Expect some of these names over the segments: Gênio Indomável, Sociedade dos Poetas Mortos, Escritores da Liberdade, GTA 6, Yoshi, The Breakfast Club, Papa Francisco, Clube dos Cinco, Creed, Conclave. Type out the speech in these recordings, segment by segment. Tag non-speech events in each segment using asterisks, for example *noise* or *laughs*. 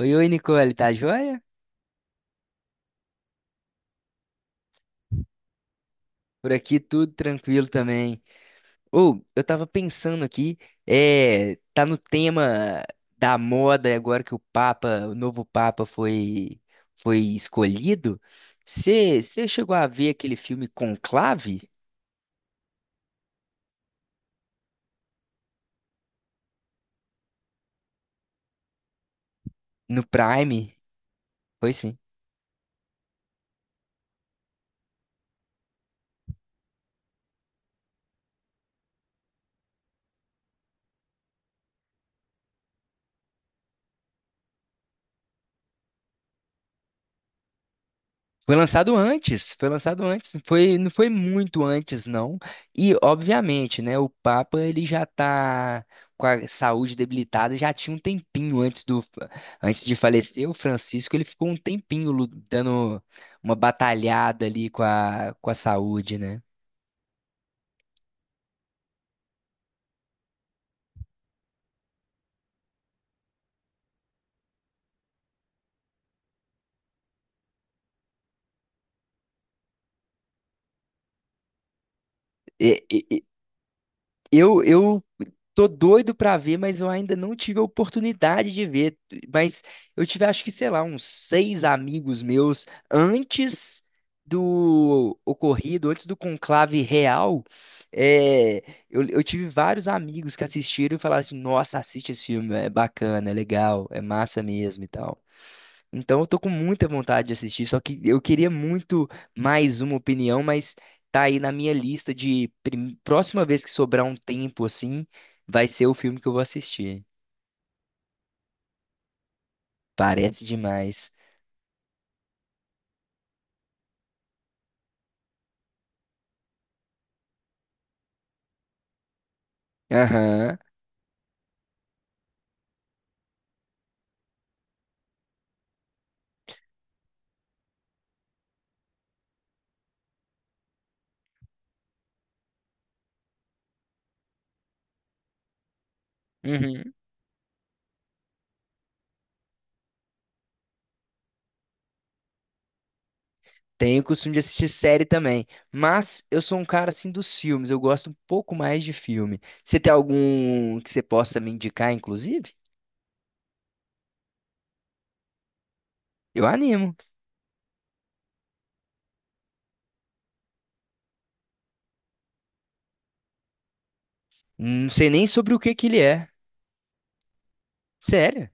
Oi, oi, Nicole, tá joia? Por aqui tudo tranquilo também. Ou, eu tava pensando aqui, tá no tema da moda agora que o Papa, o novo Papa foi escolhido. Você chegou a ver aquele filme Conclave no Prime? Foi sim. Foi lançado antes, foi lançado antes, foi, não foi muito antes, não. E, obviamente, né, o Papa, ele já tá com a saúde debilitada, já tinha um tempinho antes antes de falecer, o Francisco, ele ficou um tempinho dando uma batalhada ali com com a saúde, né? E- e- eu tô doido pra ver, mas eu ainda não tive a oportunidade de ver. Mas eu tive, acho que, sei lá, uns seis amigos meus antes do ocorrido, antes do conclave real. é, eu tive vários amigos que assistiram e falaram assim: Nossa, assiste esse filme, é bacana, é legal, é massa mesmo e tal. Então eu tô com muita vontade de assistir, só que eu queria muito mais uma opinião, mas tá aí na minha lista de próxima vez que sobrar um tempo assim, vai ser o filme que eu vou assistir. Parece demais. Aham. Uhum. Tenho o costume de assistir série também, mas eu sou um cara assim dos filmes, eu gosto um pouco mais de filme. Você tem algum que você possa me indicar, inclusive? Eu animo. Não sei nem sobre o que que ele é. Sério?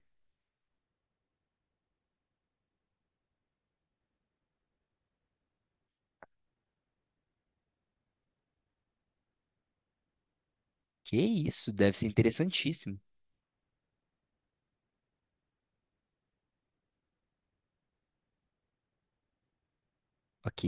Que isso, deve ser interessantíssimo. Ok.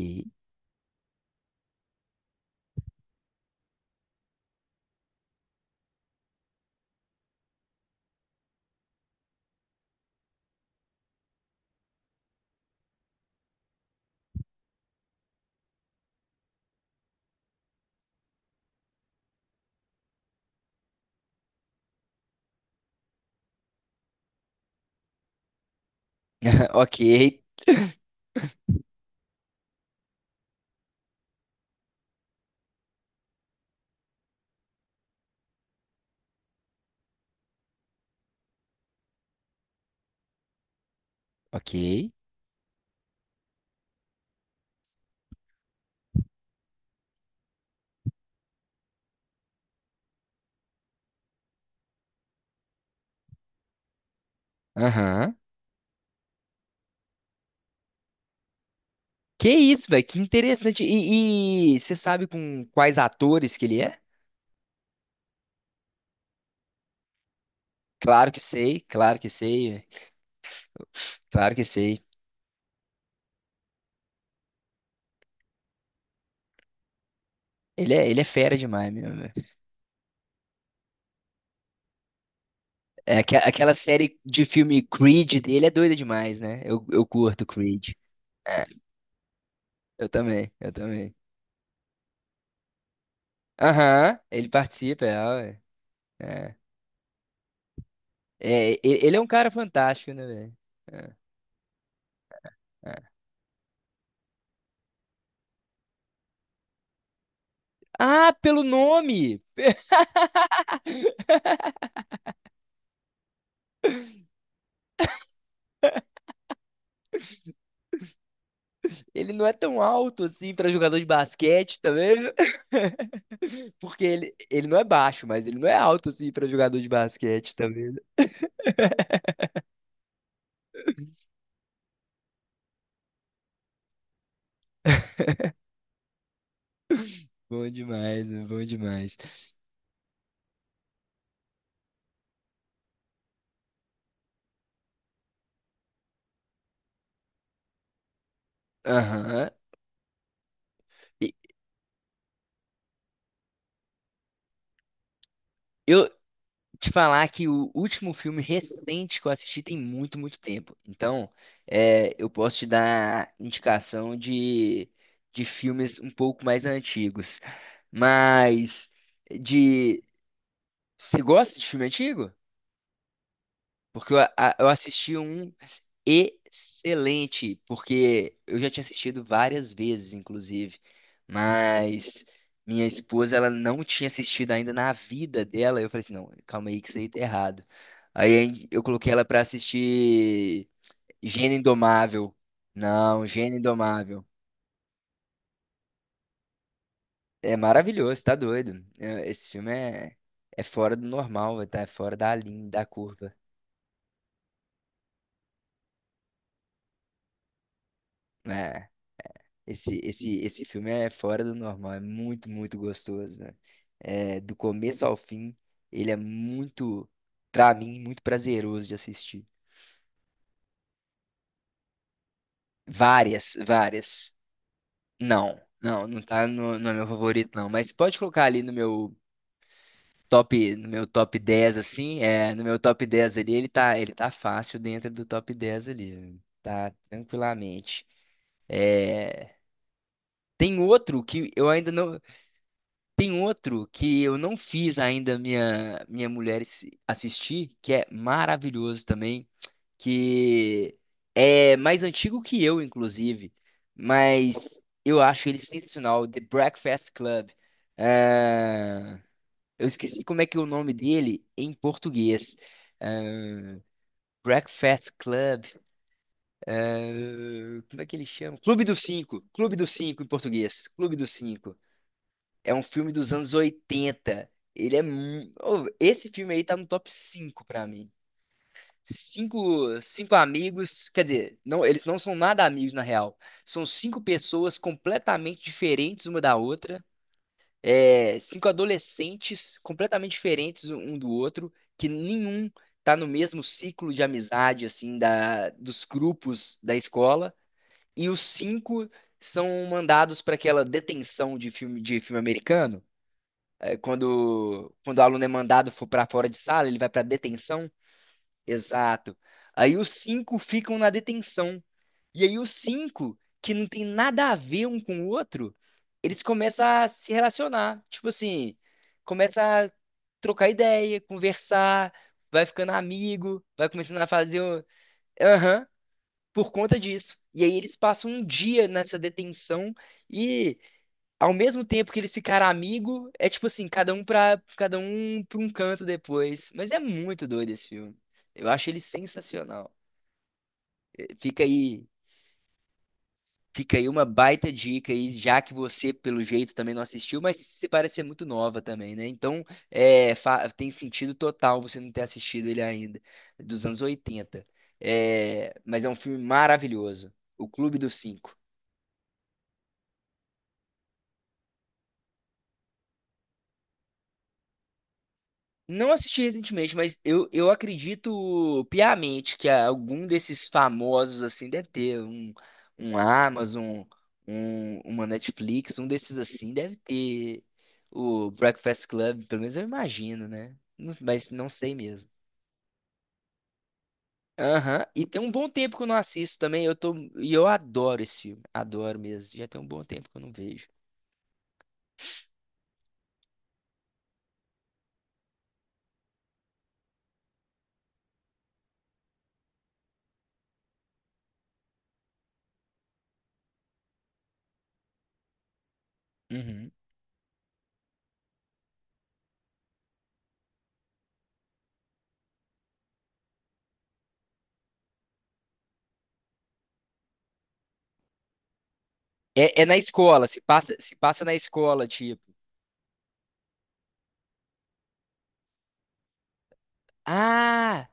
*laughs* Ok, ok. Aham. Que isso, velho? Que interessante. E você sabe com quais atores que ele é? Claro que sei, véi, claro que sei. Ele é fera demais, meu, véi. É, aquela série de filme Creed dele é doida demais, né? Eu curto Creed. É, eu também, eu também. Aham, ele participa, é, ó, é. É, ele é um cara fantástico, né, velho? É, é. Ah, pelo nome! Ele não é tão alto assim pra jogador de basquete, tá vendo? *laughs* Porque ele não é baixo, mas ele não é alto assim pra jogador de basquete, tá vendo? *laughs* Bom demais, meu, bom demais. Aham. E Eu te falar que o último filme recente que eu assisti tem muito, muito tempo. Então, eu posso te dar indicação de filmes um pouco mais antigos. Mas de. Você gosta de filme antigo? Porque eu, eu assisti um excelente, porque eu já tinha assistido várias vezes, inclusive, mas minha esposa ela não tinha assistido ainda na vida dela. Eu falei assim, não, calma aí que isso aí tá errado. Eu coloquei ela pra assistir Gênio Indomável. Não, Gênio Indomável. É maravilhoso, tá doido. É, esse filme é, é fora do normal, tá? É fora da linha, da curva. Né? Esse filme é fora do normal, é muito, muito gostoso, velho. É, do começo ao fim, ele é muito, pra mim, muito prazeroso de assistir. Várias, várias. Não, não, não tá no meu favorito, não. Mas pode colocar ali no meu top, no meu top 10 assim. É, no meu top 10 ali, ele tá fácil dentro do top 10 ali. Tá tranquilamente. Tem outro que eu ainda não. Tem outro que eu não fiz ainda minha mulher assistir, que é maravilhoso também, que é mais antigo que eu, inclusive, mas eu acho ele sensacional, The Breakfast Club. Ah, eu esqueci como é que é o nome dele em português. Ah, Breakfast Club. Ah, como é que ele chama? Clube dos Cinco. Clube dos Cinco em português. Clube dos Cinco. É um filme dos anos 80. Ele é. Ô, esse filme aí tá no top 5 pra mim. Cinco, cinco amigos, quer dizer, não, eles não são nada amigos na real. São cinco pessoas completamente diferentes uma da outra. É, cinco adolescentes completamente diferentes um do outro, que nenhum tá no mesmo ciclo de amizade, assim, dos grupos da escola. E os cinco são mandados para aquela detenção de filme americano. Quando o aluno é mandado for para fora de sala, ele vai para detenção? Exato. Aí os cinco ficam na detenção. E aí os cinco, que não tem nada a ver um com o outro, eles começam a se relacionar. Tipo assim, começa a trocar ideia, conversar, vai ficando amigo, vai começando a fazer o... Aham, por conta disso. E aí eles passam um dia nessa detenção e ao mesmo tempo que eles ficaram amigos, é tipo assim, cada um pra um canto depois. Mas é muito doido esse filme. Eu acho ele sensacional. Eh, Fica aí, fica aí uma baita dica aí, já que você, pelo jeito, também não assistiu, mas você parece ser muito nova também, né? Então, tem sentido total você não ter assistido ele ainda, dos anos 80. É, mas é um filme maravilhoso. O Clube dos Cinco. Não assisti recentemente, mas eu acredito piamente que algum desses famosos, assim, deve ter um, um Amazon, um, uma Netflix, um desses assim, deve ter o Breakfast Club, pelo menos eu imagino, né? Mas não sei mesmo. Aham. E tem um bom tempo que eu não assisto também, eu tô, e eu adoro esse filme, adoro mesmo, já tem um bom tempo que eu não vejo. Uhum. É, é na escola, se passa, se passa na escola, tipo. Ah!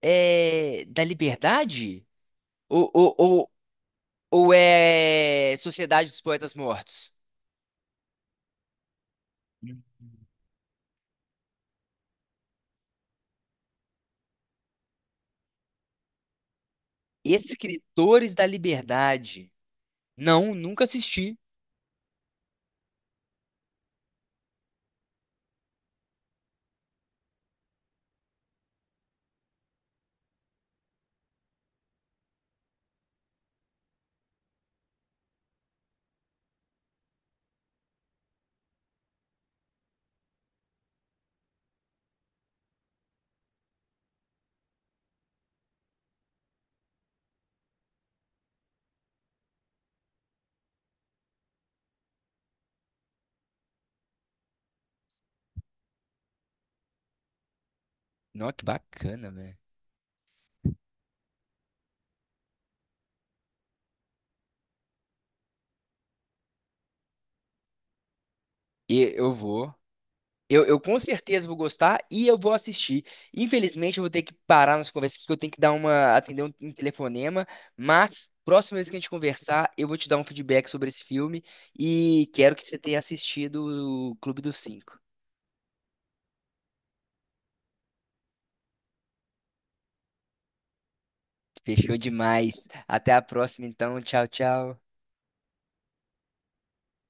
É, da Liberdade? Ou, ou, ou, ou é Sociedade dos Poetas Mortos? Escritores da Liberdade. Não, nunca assisti. Não, que bacana, velho. E eu vou. Eu com certeza vou gostar e eu vou assistir. Infelizmente, eu vou ter que parar nossa conversa aqui, que eu tenho que dar uma, atender um telefonema. Mas, próxima vez que a gente conversar, eu vou te dar um feedback sobre esse filme e quero que você tenha assistido o Clube dos Cinco. Fechou demais. Até a próxima, então. Tchau, tchau.